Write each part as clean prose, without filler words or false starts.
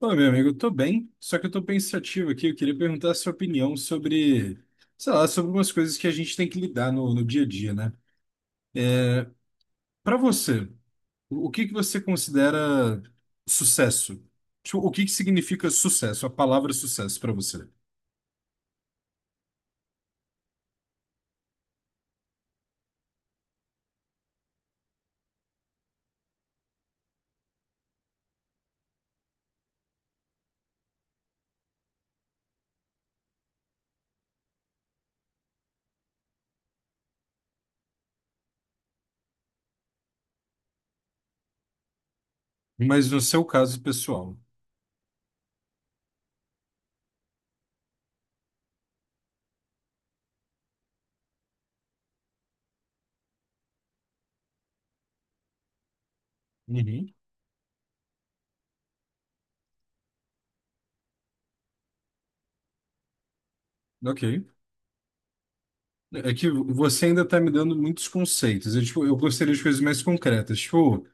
Ô, meu amigo, eu tô bem, só que eu tô pensativo aqui. Eu queria perguntar a sua opinião sobre, sei lá, sobre algumas coisas que a gente tem que lidar no dia a dia, né? Pra você, o que que você considera sucesso? Tipo, o que que significa sucesso, a palavra sucesso pra você? Mas no seu caso pessoal. Uhum. Ok. É que você ainda tá me dando muitos conceitos. Eu, tipo, eu gostaria de coisas mais concretas. Tipo,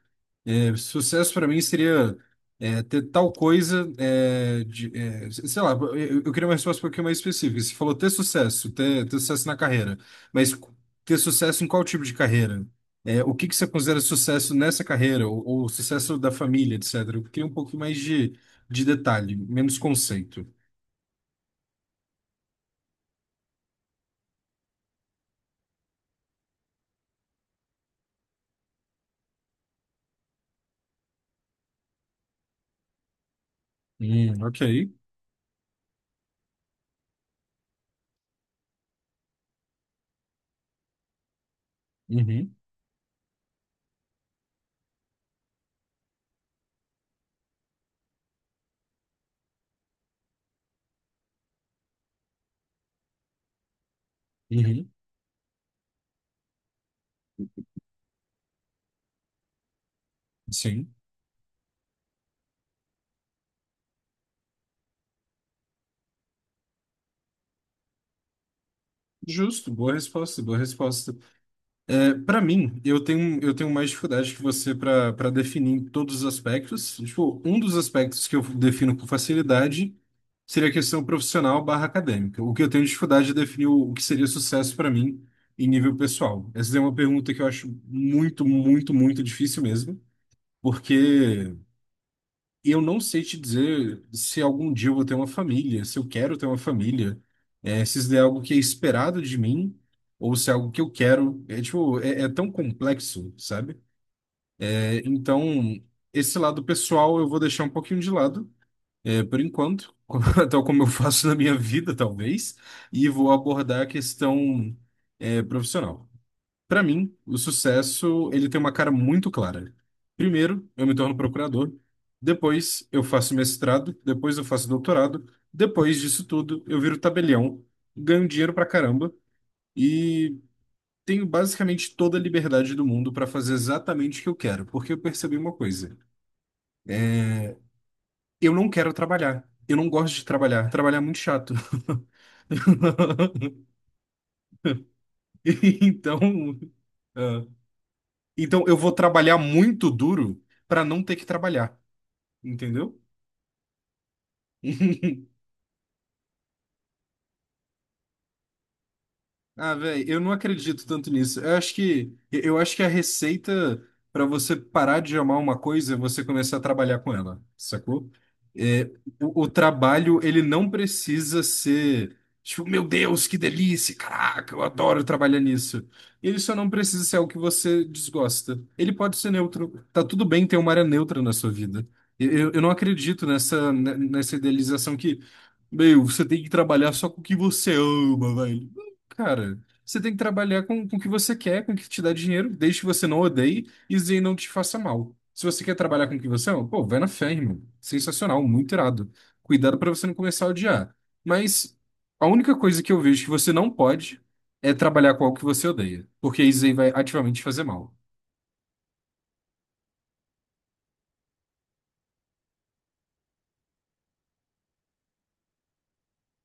Sucesso para mim seria ter tal coisa, sei lá, eu queria uma resposta um pouquinho mais específica. Você falou ter sucesso, ter sucesso na carreira, mas ter sucesso em qual tipo de carreira? O que que você considera sucesso nessa carreira, ou, sucesso da família, etc. Eu queria um pouco mais de detalhe, menos conceito. Ok. Uhum, uhum. Sim. Justo, boa resposta, boa resposta. Para mim, eu tenho mais dificuldade que você para definir todos os aspectos. Tipo, um dos aspectos que eu defino com facilidade seria a questão profissional barra acadêmica. O que eu tenho dificuldade é definir o que seria sucesso para mim em nível pessoal. Essa é uma pergunta que eu acho muito, muito, muito difícil mesmo, porque eu não sei te dizer se algum dia eu vou ter uma família, se eu quero ter uma família, se isso é algo que é esperado de mim ou se é algo que eu quero. É tipo, é tão complexo, sabe? Então, esse lado pessoal eu vou deixar um pouquinho de lado, por enquanto, tal como eu faço na minha vida, talvez, e vou abordar a questão, profissional. Para mim, o sucesso, ele tem uma cara muito clara. Primeiro, eu me torno procurador, depois eu faço mestrado, depois eu faço doutorado, depois disso tudo eu viro tabelião, ganho dinheiro pra caramba e tenho basicamente toda a liberdade do mundo para fazer exatamente o que eu quero, porque eu percebi uma coisa. Eu não quero trabalhar. Eu não gosto de trabalhar. Trabalhar é muito chato. Então, ah, então, eu vou trabalhar muito duro para não ter que trabalhar. Entendeu? Ah, velho, eu não acredito tanto nisso. Eu acho que a receita para você parar de amar uma coisa é você começar a trabalhar com ela, sacou? É, o trabalho, ele não precisa ser, tipo, meu Deus, que delícia, caraca, eu adoro trabalhar nisso. Ele só não precisa ser algo que você desgosta. Ele pode ser neutro. Tá tudo bem ter uma área neutra na sua vida. Eu não acredito nessa idealização que, meu, você tem que trabalhar só com o que você ama, velho. Cara, você tem que trabalhar com o que você quer, com o que te dá dinheiro, desde que você não odeie e isso aí não te faça mal. Se você quer trabalhar com o que você ama, pô, vai na fé, irmão. Sensacional, muito irado. Cuidado pra você não começar a odiar. Mas a única coisa que eu vejo que você não pode é trabalhar com algo que você odeia, porque isso aí vai ativamente te fazer mal.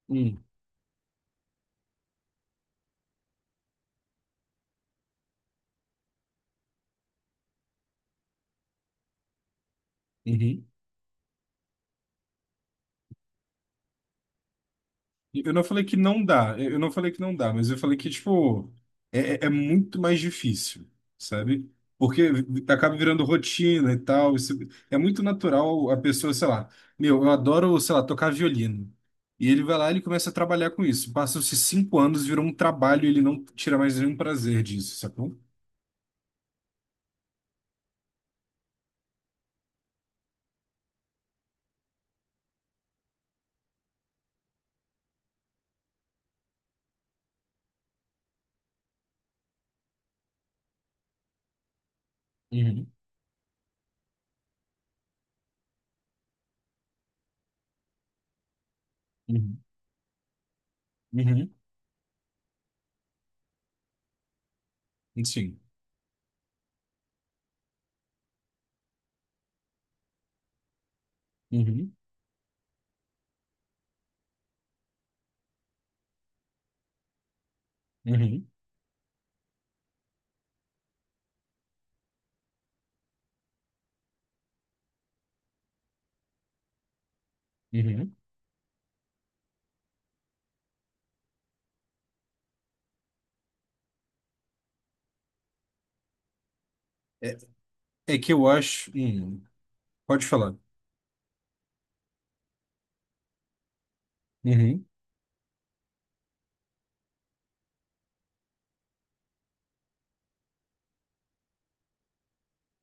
Hum, uhum. Eu não falei que não dá, eu não falei que não dá, mas eu falei que, tipo, é muito mais difícil, sabe? Porque acaba virando rotina e tal. É muito natural a pessoa, sei lá, meu, eu adoro, sei lá, tocar violino. E ele vai lá e ele começa a trabalhar com isso. Passam-se cinco anos, virou um trabalho e ele não tira mais nenhum prazer disso, sacou? Uhum, uhum, uhum. Sim. Uhum, uhum, uhum. É é que eu acho. Pode falar. Uhum.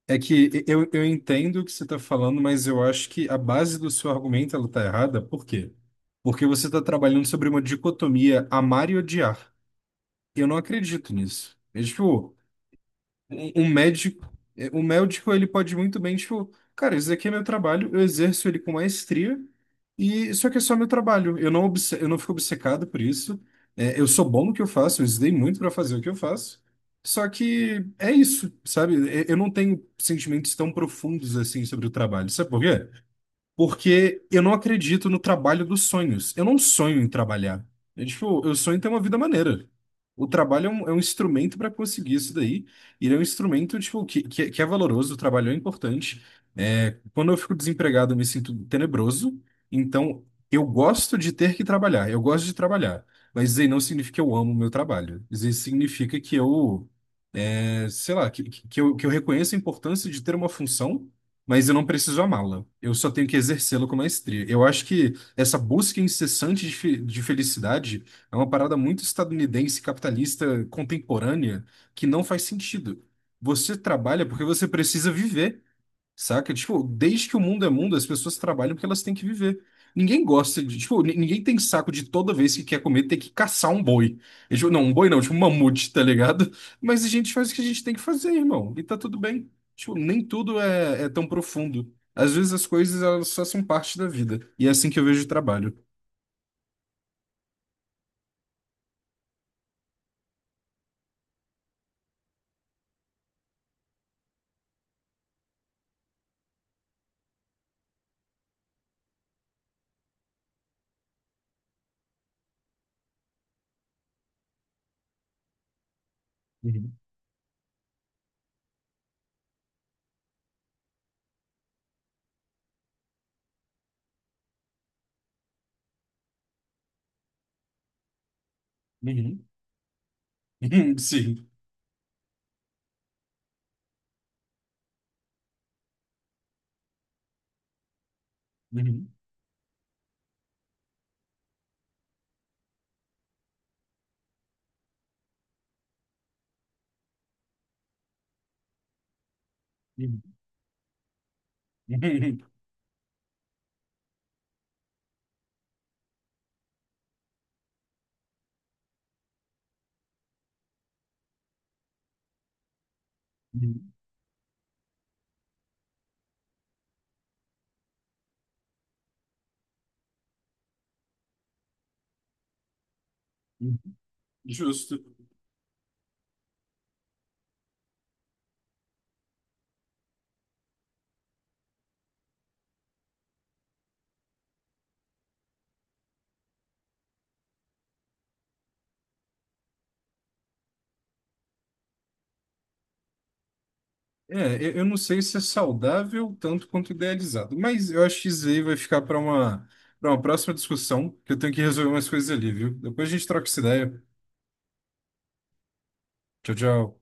É que eu entendo o que você está falando, mas eu acho que a base do seu argumento ela está errada. Por quê? Porque você está trabalhando sobre uma dicotomia amar e odiar. Eu não acredito nisso. Tipo, um, um médico, um médico, ele pode muito bem, tipo, cara, isso aqui é meu trabalho, eu exerço ele com maestria, e isso aqui é só meu trabalho. Eu não fico obcecado por isso. Eu sou bom no que eu faço, eu estudei muito para fazer o que eu faço. Só que é isso, sabe? Eu não tenho sentimentos tão profundos assim sobre o trabalho. Sabe por quê? Porque eu não acredito no trabalho dos sonhos. Eu não sonho em trabalhar. Tipo, eu sonho em ter uma vida maneira. O trabalho é um instrumento para conseguir isso daí. E ele é um instrumento, tipo, que é valoroso, o trabalho é importante. Quando eu fico desempregado, eu me sinto tenebroso. Então, eu gosto de ter que trabalhar. Eu gosto de trabalhar. Mas isso aí não significa que eu amo o meu trabalho. Isso aí significa que eu sei lá, que eu reconheço a importância de ter uma função, mas eu não preciso amá-la. Eu só tenho que exercê-la com maestria. Eu acho que essa busca incessante de felicidade é uma parada muito estadunidense, capitalista, contemporânea, que não faz sentido. Você trabalha porque você precisa viver. Saca? Tipo, desde que o mundo é mundo, as pessoas trabalham porque elas têm que viver. Ninguém gosta de, tipo, ninguém tem saco de toda vez que quer comer ter que caçar um boi. E, tipo, não, um boi não, tipo, um mamute, tá ligado? Mas a gente faz o que a gente tem que fazer, irmão. E tá tudo bem. Tipo, nem tudo é tão profundo. Às vezes as coisas, elas só são parte da vida. E é assim que eu vejo o trabalho. Uhum, uhum. Sim. Uhum, uhum, uhum, uhum, uhum. Justo. Eu não sei se é saudável tanto quanto idealizado, mas eu acho que isso aí vai ficar para uma, próxima discussão, que eu tenho que resolver umas coisas ali, viu? Depois a gente troca essa ideia. Tchau, tchau.